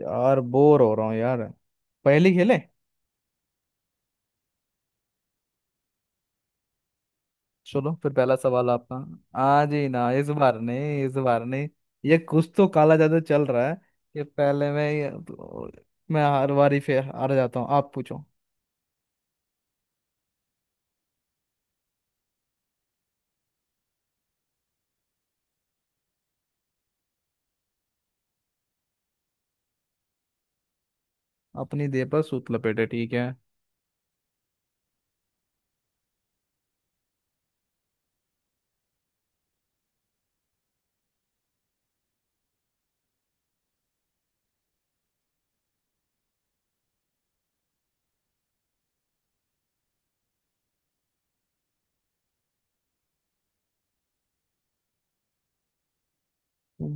यार बोर हो रहा हूँ यार। पहली खेले। चलो फिर पहला सवाल आपका। आज ही ना, इस बार नहीं, इस बार नहीं। ये कुछ तो काला जादू चल रहा है। ये पहले मैं ये- मैं हर बारी फिर हार जाता हूँ, आप पूछो। अपनी देह पर सूत लपेटे ठीक है।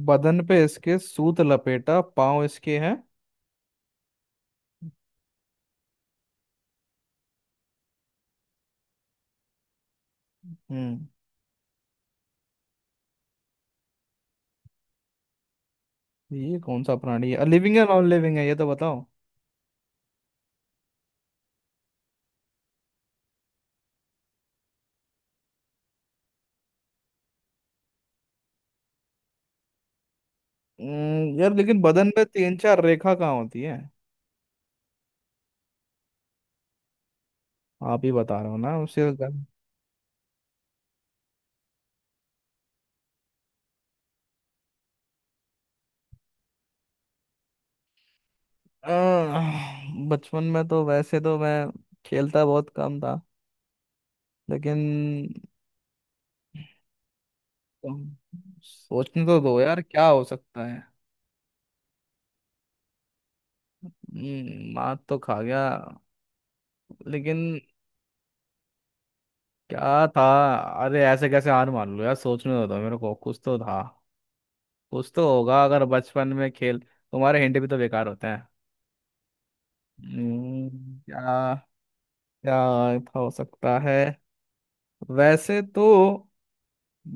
बदन पे इसके सूत लपेटा, पाँव इसके हैं। हम्म। ये कौन सा प्राणी है, लिविंग है नॉन लिविंग है, ये तो बताओ? यार लेकिन बदन पे तीन चार रेखा कहाँ होती है? आप ही बता रहे हो ना उसे। अ, बचपन में तो वैसे तो मैं खेलता बहुत कम था, लेकिन तुम सोचने तो दो यार, क्या हो सकता है। मार तो खा गया, लेकिन क्या था? अरे ऐसे कैसे हार मान लो यार, सोचने तो दो मेरे को, कुछ तो था। कुछ तो होगा अगर बचपन में खेल, तुम्हारे हिंट भी तो बेकार होते हैं। हम्म। क्या, क्या हो सकता है? वैसे तो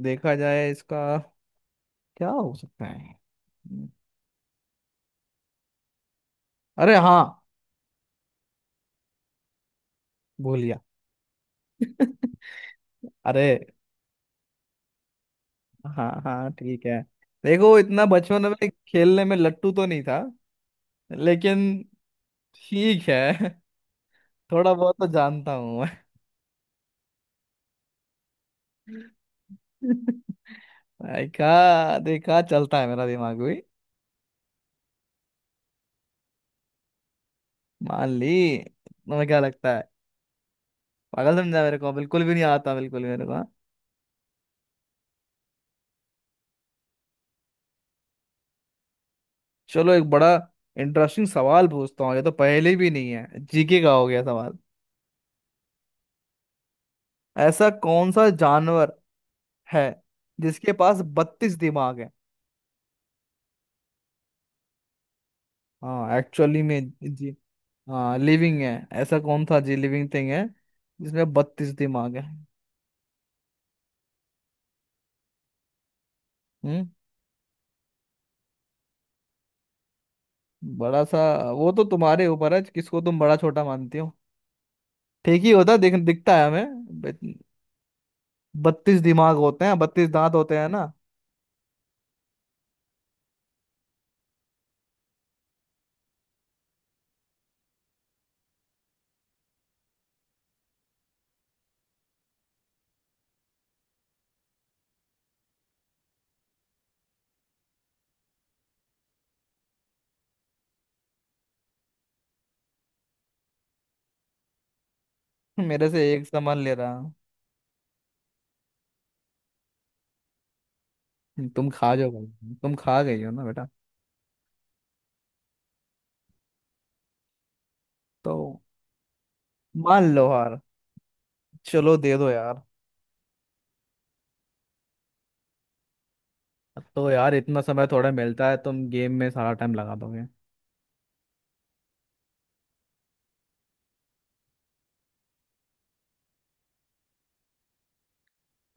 देखा जाए इसका क्या हो सकता है। अरे हाँ, भूल गया अरे। हाँ हाँ ठीक है। देखो इतना बचपन में खेलने में लट्टू तो नहीं था, लेकिन ठीक है थोड़ा बहुत तो जानता हूँ मैं देखा देखा, चलता है मेरा दिमाग भी। मान ली, तुम्हें क्या लगता है, पागल समझा मेरे को, बिल्कुल भी नहीं आता बिल्कुल भी मेरे को, हाँ। चलो, एक बड़ा इंटरेस्टिंग सवाल पूछता हूँ, ये तो पहले भी नहीं है, जीके का हो गया सवाल। ऐसा कौन सा जानवर है जिसके पास 32 दिमाग? हाँ एक्चुअली में जी। हाँ लिविंग है। ऐसा कौन था जी, लिविंग थिंग है, जिसमें 32 दिमाग है। हम्म। बड़ा सा। वो तो तुम्हारे ऊपर है, किसको तुम बड़ा छोटा मानती हो। ठीक ही होता दिखता है हमें। 32 दिमाग होते हैं, 32 दांत होते हैं ना। मेरे से एक सामान ले रहा हूँ। तुम खा जाओ भाई, तुम खा गई हो ना बेटा। तो मान लो हार। चलो दे दो यार। तो यार इतना समय थोड़ा मिलता है, तुम गेम में सारा टाइम लगा दोगे।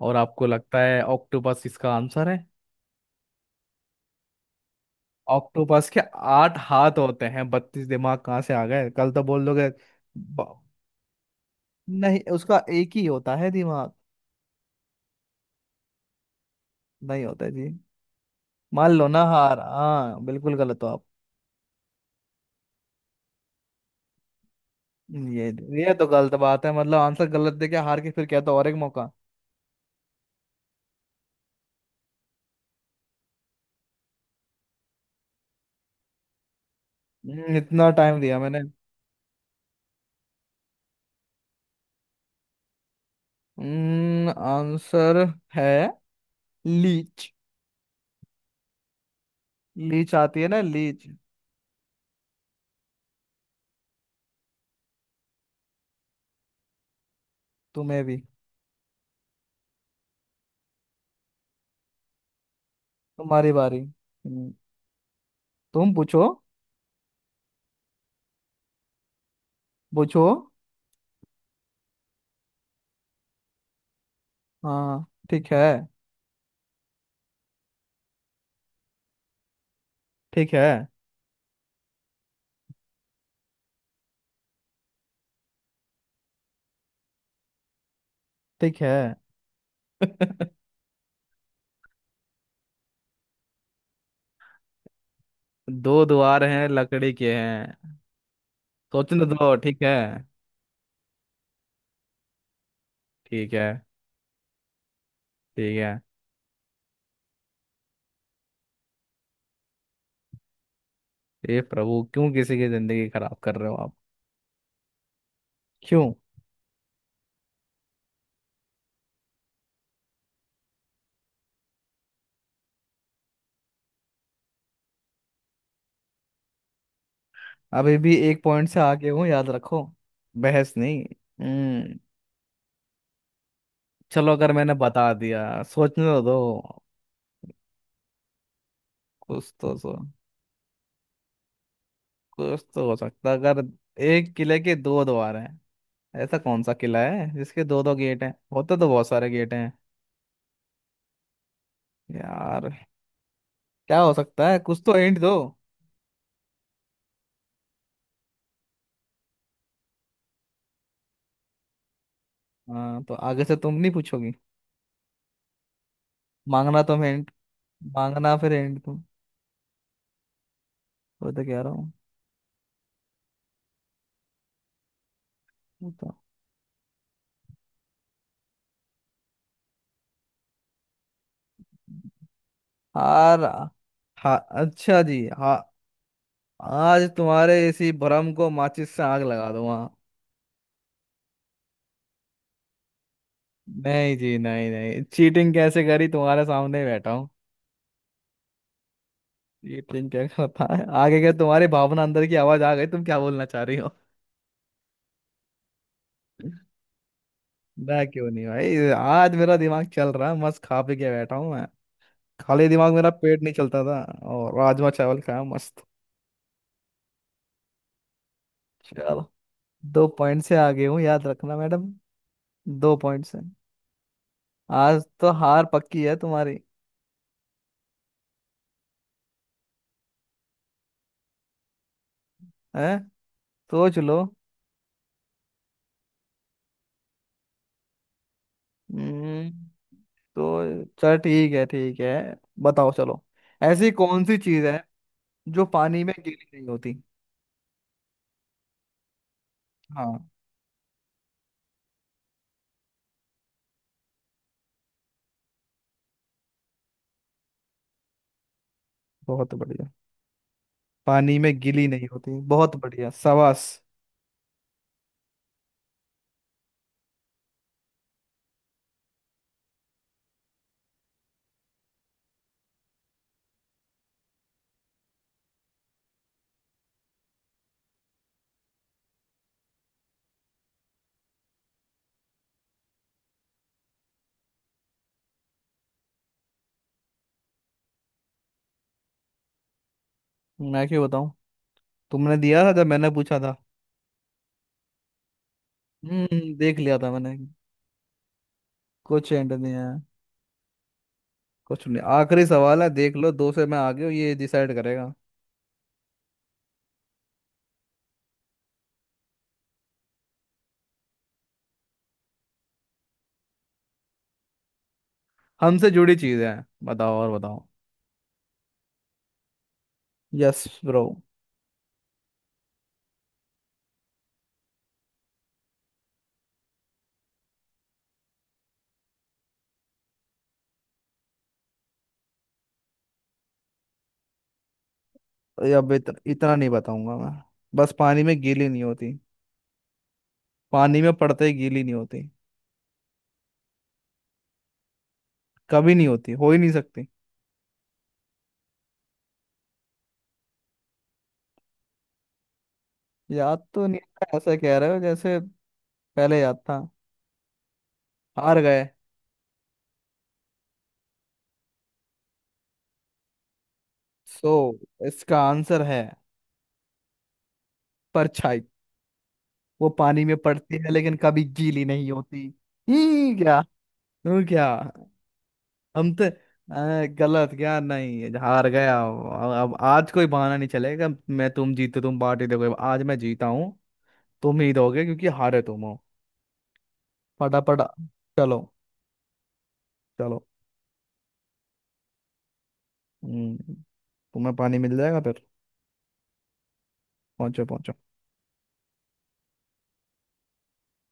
और आपको लगता है ऑक्टोपस इसका आंसर है? ऑक्टोपस के आठ हाथ होते हैं, 32 दिमाग कहाँ से आ गए, कल तो बोल दोगे। ब- नहीं उसका एक ही होता है दिमाग। नहीं होता जी। मान लो ना हार, हाँ बिल्कुल गलत हो आप। ये ये तो गलत बात है, मतलब आंसर गलत दे के हार के फिर क्या, तो और एक मौका। इतना टाइम दिया मैंने। आंसर है लीच। लीच आती है ना, लीच। तुम्हें भी। तुम्हारी बारी। तुम पूछो। पूछो। हाँ ठीक है। ठीक है। ठीक है। दो द्वार हैं, लकड़ी के हैं। सोचने तो दो। ठीक है। ठीक है। ठीक है। हे प्रभु, क्यों किसी की जिंदगी खराब कर रहे हो आप, क्यों? अभी भी एक पॉइंट से आगे हूँ, याद रखो। बहस नहीं। हम्म। चलो अगर मैंने बता दिया। सोचने तो दो, कुछ तो सो, कुछ तो हो सकता अगर। एक किले के दो द्वार हैं, ऐसा कौन सा किला है जिसके दो दो गेट हैं, होते तो बहुत सारे गेट हैं। यार क्या हो सकता है, कुछ तो हिंट दो। हाँ तो आगे से तुम नहीं पूछोगी, मांगना तुम हिंट, मांगना फिर हिंट तुम। वो तो कह रहा हूँ। वो तो। हार। हा। अच्छा जी। हा, आज तुम्हारे इसी भ्रम को माचिस से आग लगा दूंगा। नहीं जी, नहीं नहीं, चीटिंग कैसे करी, तुम्हारे सामने ही बैठा हूँ। चीटिंग क्या करता है आगे, क्या तुम्हारी भावना अंदर की आवाज आ गई, तुम क्या बोलना चाह रही हो? ना क्यों नहीं भाई, आज मेरा दिमाग चल रहा है, मस्त खा पी के बैठा हूँ मैं। खाली दिमाग मेरा पेट नहीं चलता था। और राजमा चावल खाया मस्त। चलो। दो पॉइंट से आगे हूँ याद रखना मैडम। दो पॉइंट से। आज तो हार पक्की है तुम्हारी। है, सोच लो। हम्म, तो चल ठीक है ठीक है, बताओ चलो। ऐसी कौन सी चीज है जो पानी में गीली नहीं होती? हाँ। बहुत बढ़िया, पानी में गीली नहीं होती, बहुत बढ़िया शाबाश। मैं क्यों बताऊं, तुमने दिया था जब मैंने पूछा था। हम्म, देख लिया था मैंने। कुछ एंड नहीं है। कुछ नहीं, आखिरी सवाल है, देख लो, दो से मैं आगे हूँ, ये डिसाइड करेगा। हमसे जुड़ी चीजें हैं, बताओ और बताओ। Yes bro. अब इतना नहीं बताऊंगा मैं। बस पानी में गीली नहीं होती। पानी में पड़ते ही गीली नहीं होती, कभी नहीं होती, हो ही नहीं सकती। याद तो नहीं है, ऐसा कह रहे हो जैसे पहले याद था। हार गए। सो, इसका आंसर है परछाई। वो पानी में पड़ती है लेकिन कभी गीली नहीं होती। ही क्या। तू क्या। हम तो गलत क्या, नहीं हार गया, अब आज कोई बहाना नहीं चलेगा, मैं तुम जीते तुम पार्टी दोगे, आज मैं जीता हूँ। तुम ही दोगे क्योंकि हारे तुम हो। फटाफट। चलो। चलो। हम्म, तुम्हें पानी मिल जाएगा फिर। पहुंचो पहुंचो।